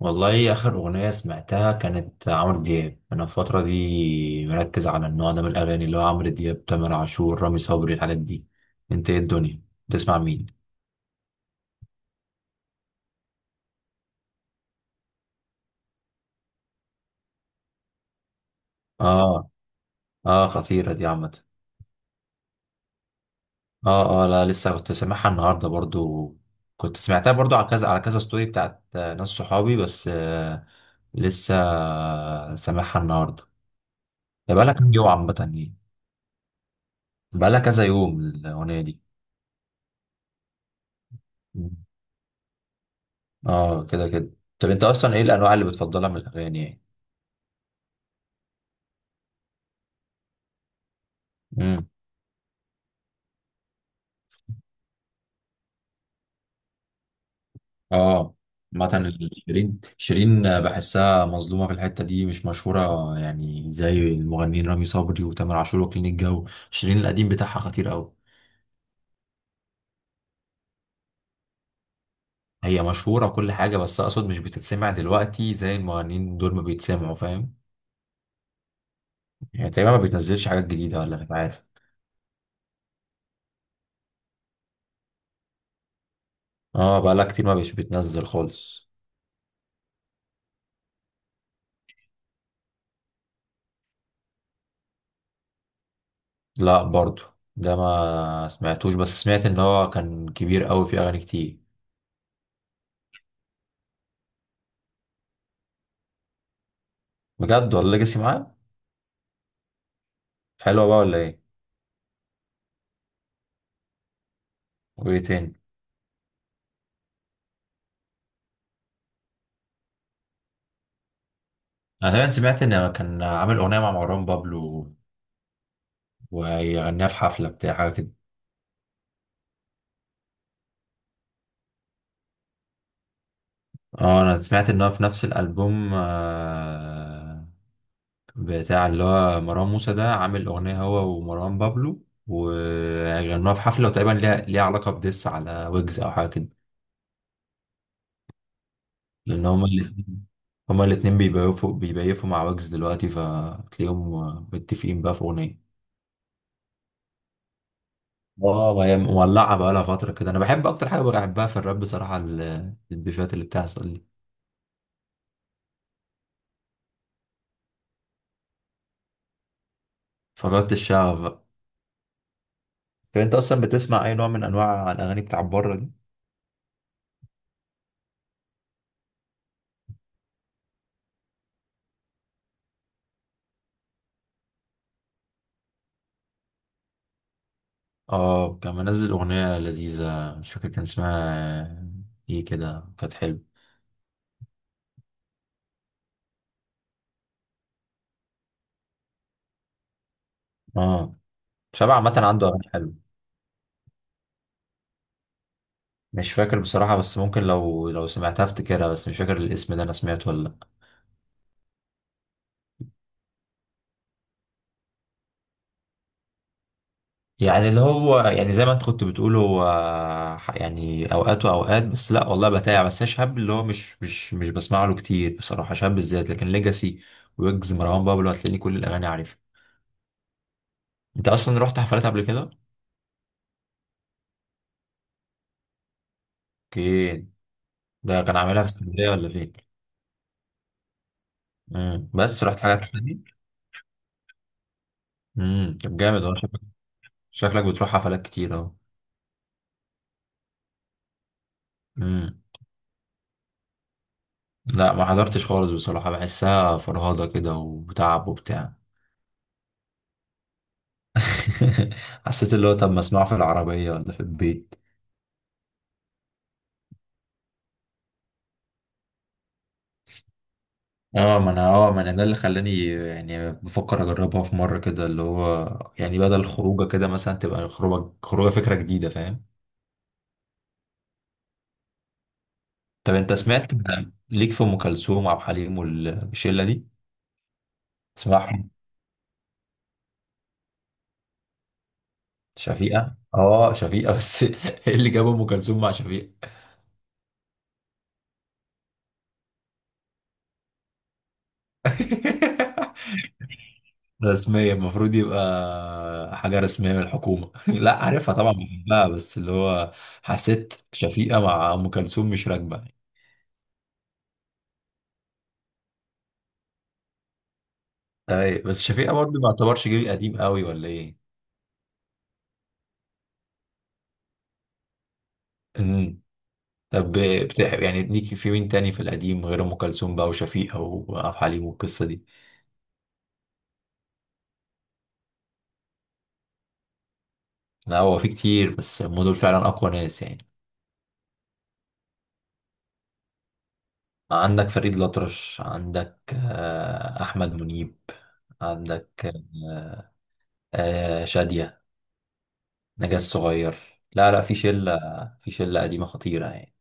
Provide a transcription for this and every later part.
والله آخر أغنية سمعتها كانت عمرو دياب. أنا في الفترة دي مركز على النوع ده من الأغاني، اللي هو عمرو دياب، تامر عاشور، رامي صبري، الحاجات دي. أنت إيه الدنيا تسمع مين؟ آه آه خطيرة دي عامة. آه لا لسه كنت سامعها النهاردة برضو، كنت سمعتها برضو على كذا، على كذا ستوري بتاعت ناس صحابي بس. آه لسه آه، سامعها النهاردة. ده بقالها كام يوم عامة يعني، بقالها كذا يوم الأغنية دي. مم. آه كده كده. طب أنت أصلا إيه الأنواع اللي بتفضلها من الأغاني يعني؟ امم اه مثلا فاهم، شيرين. شيرين بحسها مظلومه في الحته دي، مش مشهوره يعني زي المغنيين رامي صبري وتامر عاشور وكلين الجو. شيرين القديم بتاعها خطير قوي. هي مشهوره وكل حاجه، بس اقصد مش بتتسمع دلوقتي زي المغنيين دول ما بيتسمعوا، فاهم؟ يعني تقريبا ما بتنزلش حاجات جديده، ولا مش عارف. اه بقالها كتير ما بيش بتنزل خالص. لا برضو ده ما سمعتوش، بس سمعت ان هو كان كبير قوي في اغاني كتير. بجد، ولا ليجاسي معاه؟ حلوه بقى ولا ايه؟ وايه تاني؟ انا تقريبا سمعت ان كان عامل اغنيه مع مروان بابلو ويغنيها في حفله بتاع حاجه كده. اه انا سمعت ان هو في نفس الالبوم بتاع اللي هو مروان موسى ده، عامل اغنيه هو ومروان بابلو وغنوها في حفله، وتقريبا ليها علاقه بديس على ويجز او حاجه كده. لان هما الاتنين بيبيفوا مع ويجز دلوقتي، فتلاقيهم متفقين بقى في اغنيه. اه ما هي مولعه بقى لها فتره كده. انا بحب اكتر حاجه بحبها في الراب بصراحه البيفات اللي بتحصل دي. فجرة الشعب بقى. طب انت اصلا بتسمع اي نوع من انواع الاغاني بتاع بره دي؟ اه كان منزل اغنية لذيذة، مش فاكر كان اسمها ايه، كده كانت حلوة. اه شبع عامة، عنده اغاني حلوة. مش فاكر بصراحة، بس ممكن لو سمعتها افتكرها، بس مش فاكر الاسم ده انا سمعته ولا لا. يعني اللي هو يعني زي ما انت كنت بتقول، هو يعني اوقات واوقات، بس لا والله بتاع، بس انا شهاب اللي هو مش بسمع له كتير بصراحة، شهاب بالذات. لكن ليجاسي، ويجز، مروان بابلو هتلاقيني كل الاغاني عارفها. انت اصلا رحت حفلات قبل كده؟ اوكي، ده كان عاملها في اسكندريه ولا فين؟ امم. بس رحت حاجات تانية. طب جامد والله. شكلك بتروح حفلات كتير اهو. امم. لا ما حضرتش خالص بصراحه، بحسها فرهاده كده وتعب وبتاع. حسيت اللي هو طب ما اسمعه في العربيه ولا في البيت. اه ما انا، ما انا ده اللي خلاني يعني بفكر اجربها في مره كده، اللي هو يعني بدل الخروجه كده، مثلا تبقى خروجه، فكره جديده فاهم. طب انت سمعت ليك في ام كلثوم وعبد الحليم والشله دي؟ اسمعهم. شفيقه؟ اه شفيقه بس ايه اللي جاب ام كلثوم مع شفيقه؟ رسميه، المفروض يبقى حاجه رسميه من الحكومه. لا عارفها طبعا، بحبها، بس اللي هو حسيت شفيقه مع ام كلثوم مش راكبه. اي بس شفيقه برضه ما يعتبرش جيل قديم قوي ولا ايه؟ امم. طب بتحب يعني ليك في مين تاني في القديم غير ام كلثوم بقى وشفيقه وعبد الحليم والقصه دي؟ لا هو في كتير، بس هم دول فعلا اقوى ناس يعني. عندك فريد الأطرش، عندك احمد منيب، عندك، آه، شادية، نجاة الصغير. لا في شلة، في شلة قديمة خطيرة يعني.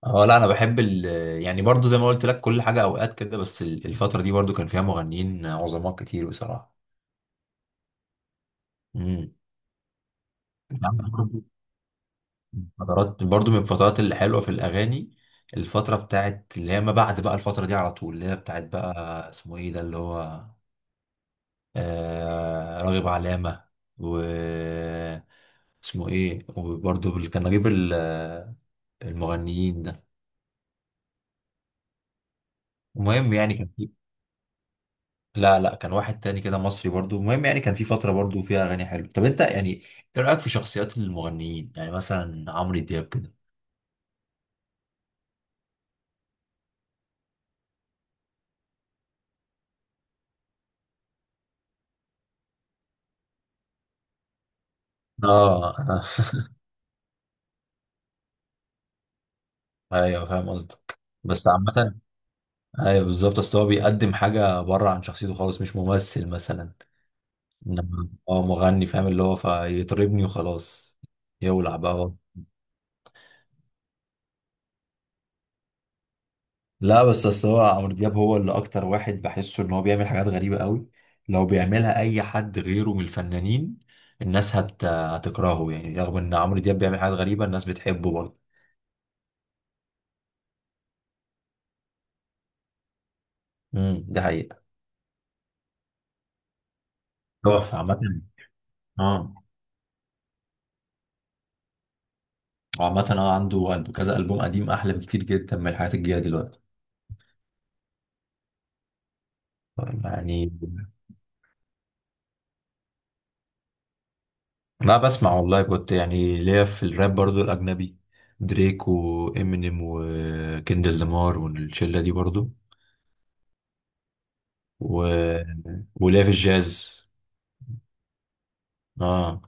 اه لا انا بحب ال، يعني برضو زي ما قلت لك كل حاجة اوقات كده، بس الفترة دي برضو كان فيها مغنيين عظماء كتير بصراحة. امم. فترات برضو من الفترات الحلوة في الأغاني، الفترة بتاعت اللي هي ما بعد بقى الفترة دي، على طول اللي هي بتاعت بقى اسمه ايه ده اللي هو، آه راغب علامة، و، اسمه ايه، وبرضو اللي كان نجيب المغنيين ده. المهم يعني كان في، لا لا كان واحد تاني كده مصري برضو. المهم يعني كان في فترة برضو فيها أغاني حلوة. طب أنت يعني إيه رأيك في شخصيات المغنيين يعني مثلا عمرو دياب كده؟ اه انا ايوه فاهم قصدك، بس عامة، ايوه بالظبط. اصل هو بيقدم حاجه بره عن شخصيته خالص، مش ممثل مثلا، انما هو مغني فاهم، اللي هو فيطربني وخلاص، يولع بقى هو. لا بس اصل هو عمرو دياب هو اللي اكتر واحد بحسه ان هو بيعمل حاجات غريبه قوي، لو بيعملها اي حد غيره من الفنانين الناس هتكرهه يعني، رغم ان عمرو دياب بيعمل حاجات غريبه الناس بتحبه برضه. دي حقيقه. تحفه عامه. اه وعامة اه عنده كذا ألبوم قديم أحلى بكتير جدا من الحاجات الجاية دلوقتي يعني. لا بسمع والله، كنت يعني ليا في الراب برضو الأجنبي، دريك وإمينيم وكندل لامار والشلة دي برضو، و، وليا في الجاز. اه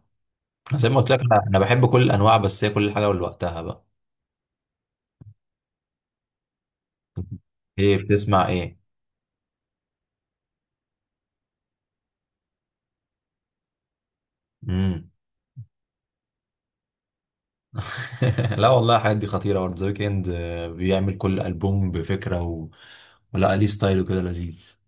أنا زي ما قلت لك، أنا بحب كل الأنواع، بس هي كل حاجة ولوقتها بقى. إيه بتسمع إيه؟ مم. لا والله الحاجات دي خطيرة برضه. ذا ويكند بيعمل كل ألبوم بفكرة و، ولا ليه ستايل وكده لذيذ.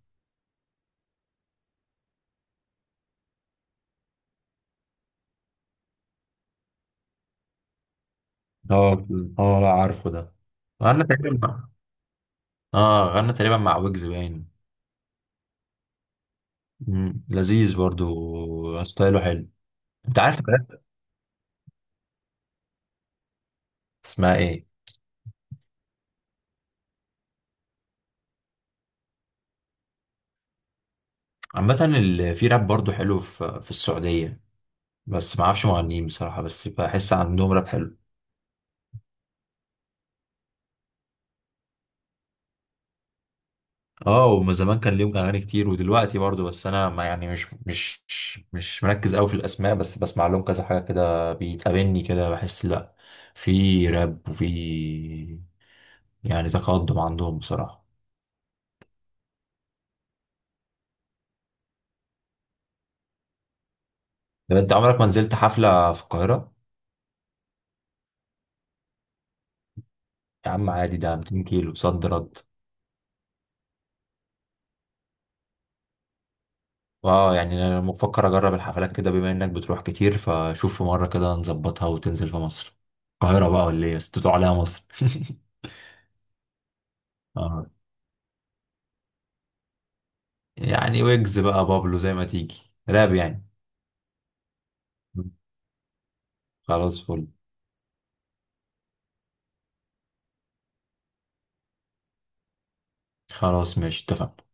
اه. اه لا عارفه ده، غنى تقريبا مع، اه غنى تقريبا مع ويجز باين. مم. لذيذ برضو ستايله حلو. انت عارف الراب. اسمها ايه؟ عامة في راب برضو حلو في السعودية، بس ما اعرفش مغنيين بصراحة، بس بحس عندهم راب حلو. اه ومن زمان كان ليهم اغاني كتير ودلوقتي برضو، بس انا ما يعني مش مركز قوي في الاسماء، بس بسمع لهم كذا حاجة كده بيتقابلني كده، بحس لا في راب وفي، يعني تقدم عندهم بصراحة. طب انت عمرك ما نزلت حفلة في القاهرة؟ يا عم عادي، ده 200 كيلو صد رد. اه يعني انا بفكر اجرب الحفلات كده، بما انك بتروح كتير، فشوف في مره كده نظبطها وتنزل في مصر، القاهره بقى ولا ايه؟ بس تدعو عليها مصر. اه يعني ويجز بقى، بابلو، زي ما تيجي راب يعني. خلاص فل. خلاص ماشي اتفقنا.